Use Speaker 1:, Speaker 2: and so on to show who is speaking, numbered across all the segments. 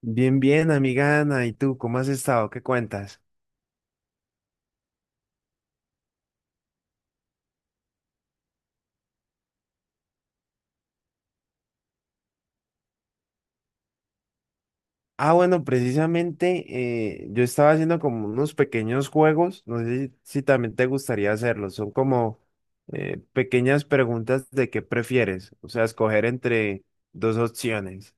Speaker 1: Bien, bien, amiga Ana. ¿Y tú cómo has estado? ¿Qué cuentas? Ah, bueno, precisamente yo estaba haciendo como unos pequeños juegos. No sé si también te gustaría hacerlos. Son como pequeñas preguntas de qué prefieres. O sea, escoger entre dos opciones.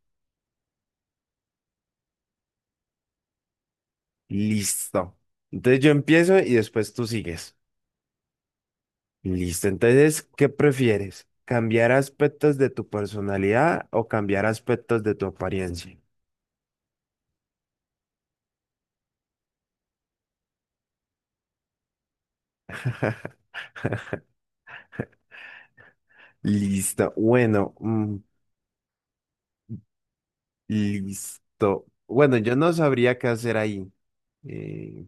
Speaker 1: Listo. Entonces yo empiezo y después tú sigues. Listo. Entonces, ¿qué prefieres? ¿Cambiar aspectos de tu personalidad o cambiar aspectos de tu apariencia? Listo. Bueno, listo. Bueno, yo no sabría qué hacer ahí. Eh,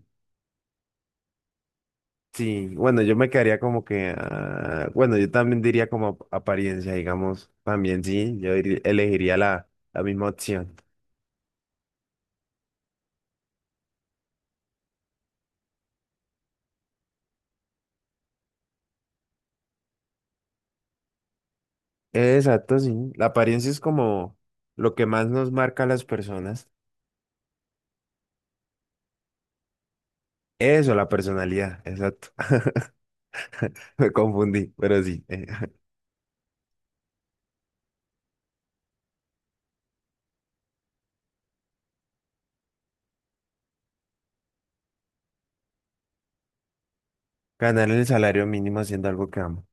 Speaker 1: sí, bueno, yo me quedaría como que, ah, bueno, yo también diría como apariencia, digamos, también sí, elegiría la, la misma opción. Exacto, sí. La apariencia es como lo que más nos marca a las personas. Eso, la personalidad, exacto. Me confundí, pero sí. Ganar el salario mínimo haciendo algo que amo.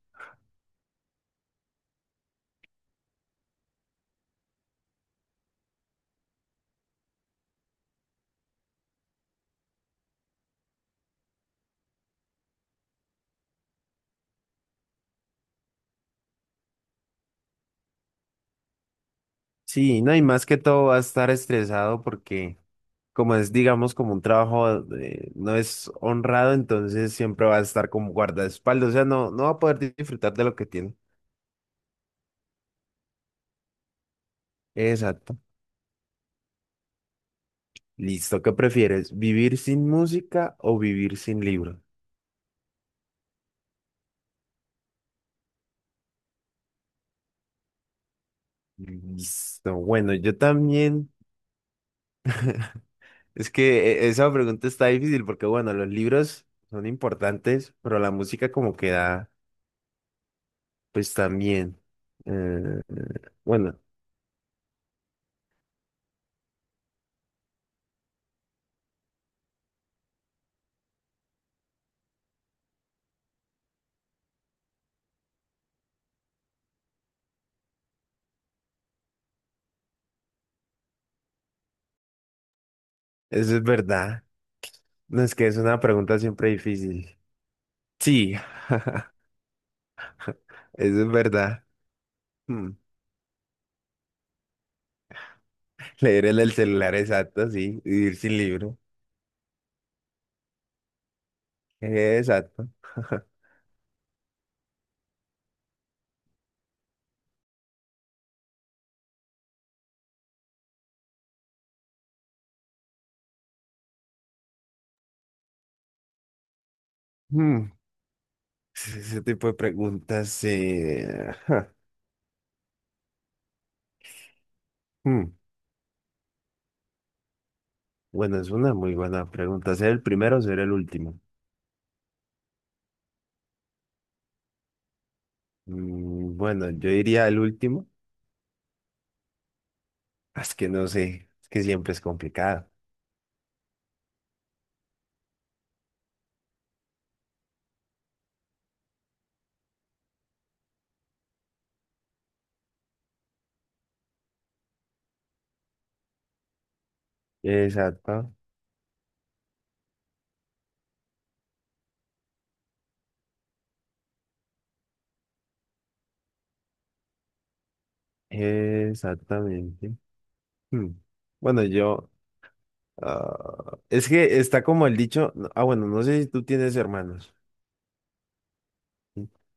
Speaker 1: Sí, no, y más que todo va a estar estresado porque, como es, digamos, como un trabajo, no es honrado, entonces siempre va a estar como guardaespaldas, o sea, no va a poder disfrutar de lo que tiene. Exacto. Listo, ¿qué prefieres? ¿Vivir sin música o vivir sin libro? Listo, bueno, yo también, es que esa pregunta está difícil porque, bueno, los libros son importantes, pero la música como que da, pues también. Eh, bueno, eso es verdad. No, es que es una pregunta siempre difícil. Sí. Eso es verdad. Mm. Leer en el celular, exacto, sí. Vivir sin libro. Exacto. Mm. Ese tipo de preguntas. Ja, mm. Bueno, es una muy buena pregunta. ¿Ser el primero o ser el último? Bueno, yo diría el último. Ah, es que no sé. Es que siempre es complicado. Exacto. Exactamente. Mm. Bueno, yo, ah, es que está como el dicho. Ah, bueno, no sé si tú tienes hermanos,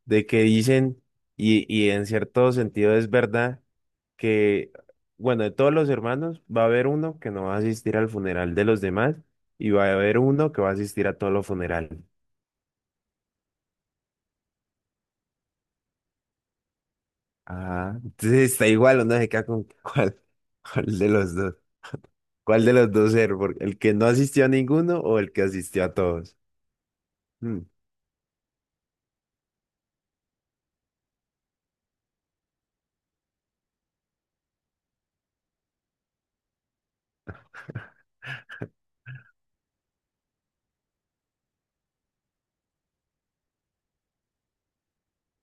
Speaker 1: de que dicen, y en cierto sentido es verdad, que, bueno, de todos los hermanos va a haber uno que no va a asistir al funeral de los demás y va a haber uno que va a asistir a todos los funerales. Ah, entonces está igual, uno se queda con cuál de los dos, cuál de los dos ser, porque el que no asistió a ninguno o el que asistió a todos. Mm,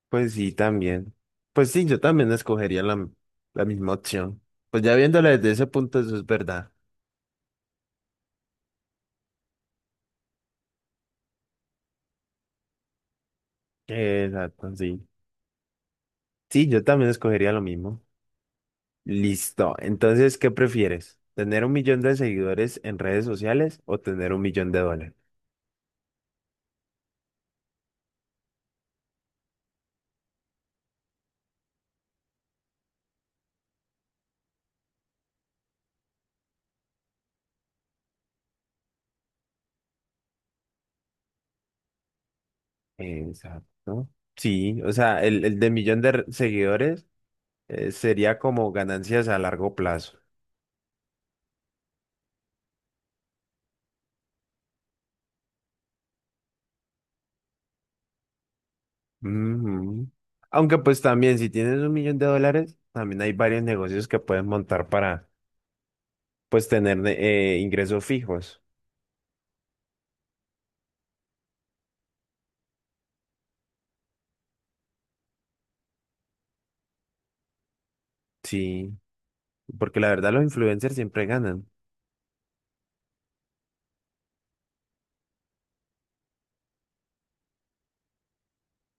Speaker 1: pues sí, también. Pues sí, yo también escogería la, la misma opción. Pues ya viéndolo desde ese punto, eso es verdad. Exacto, sí. Sí, yo también escogería lo mismo. Listo. Entonces, ¿qué prefieres? ¿Tener un millón de seguidores en redes sociales o tener un millón de dólares? Exacto. Sí, o sea, el de millón de seguidores sería como ganancias a largo plazo. Ujú. Aunque pues también si tienes un millón de dólares, también hay varios negocios que puedes montar para pues tener ingresos fijos. Sí, porque la verdad los influencers siempre ganan.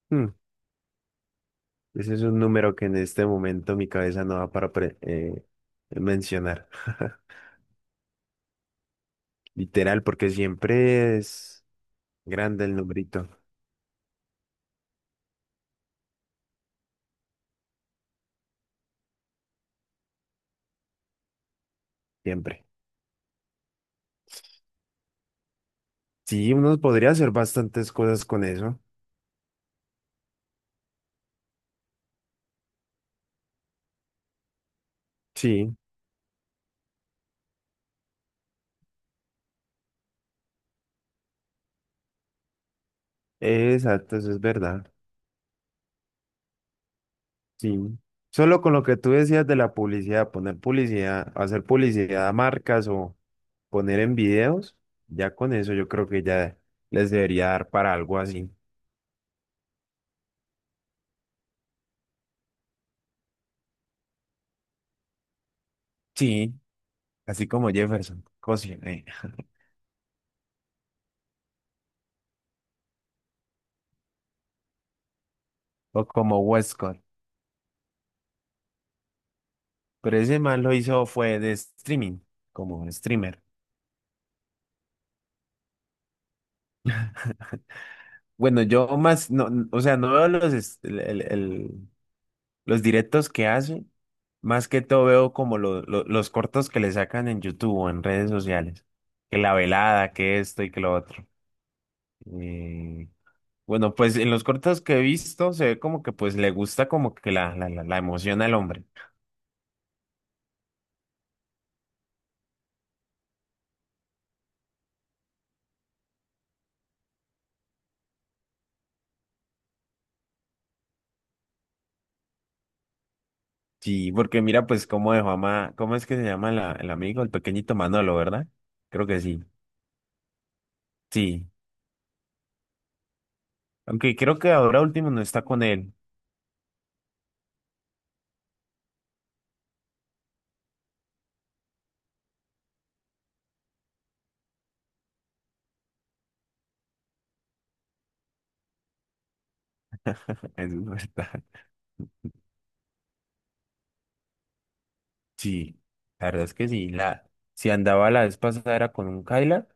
Speaker 1: Hmm. Ese es un número que en este momento mi cabeza no va para mencionar. Literal, porque siempre es grande el numerito, siempre. Sí, uno podría hacer bastantes cosas con eso. Sí, exacto, eso es verdad. Sí. Solo con lo que tú decías de la publicidad, poner publicidad, hacer publicidad a marcas o poner en videos, ya con eso yo creo que ya les debería dar para algo así. Sí, así como Jefferson, cocina, o como Westcott. Pero ese man lo hizo fue de streaming, como streamer. Bueno, yo más, no, o sea, no veo los, los directos que hace, más que todo veo como los cortos que le sacan en YouTube o en redes sociales. Que la velada, que esto y que lo otro. Eh, bueno, pues en los cortos que he visto se ve como que pues le gusta como que la emoción al hombre. Sí, porque mira pues cómo dejó a ¿cómo es que se llama el amigo, el pequeñito Manolo, ¿verdad? Creo que sí. Sí, aunque creo que ahora último no está con él. Eso es verdad. Sí, la verdad es que sí. La, si andaba la vez pasada era con un Cadillac,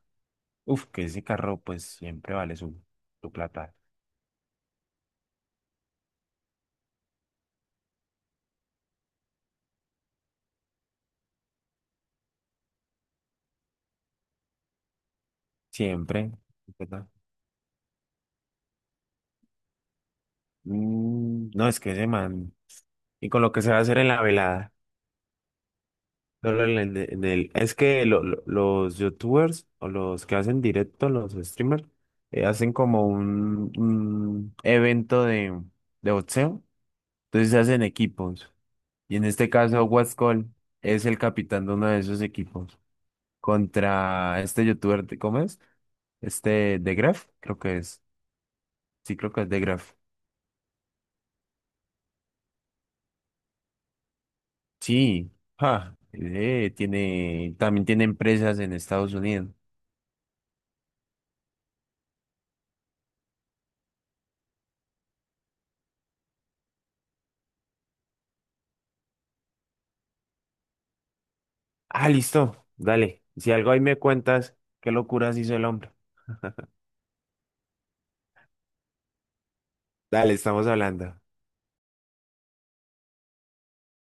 Speaker 1: uf, que ese carro pues siempre vale su, su plata. Siempre, ¿verdad? Mm, no, es que ese man. Y con lo que se va a hacer en la velada. Solo es que los youtubers o los que hacen directo, los streamers, hacen como un evento de boxeo. Entonces se hacen equipos. Y en este caso, Guascol es el capitán de uno de esos equipos contra este youtuber, ¿cómo es? Este de Graf, creo que es. Sí, creo que es de Graf. Sí, ja, tiene, también tiene empresas en Estados Unidos. Ah, listo, dale. Si algo ahí me cuentas, qué locuras hizo el hombre. Dale, estamos hablando.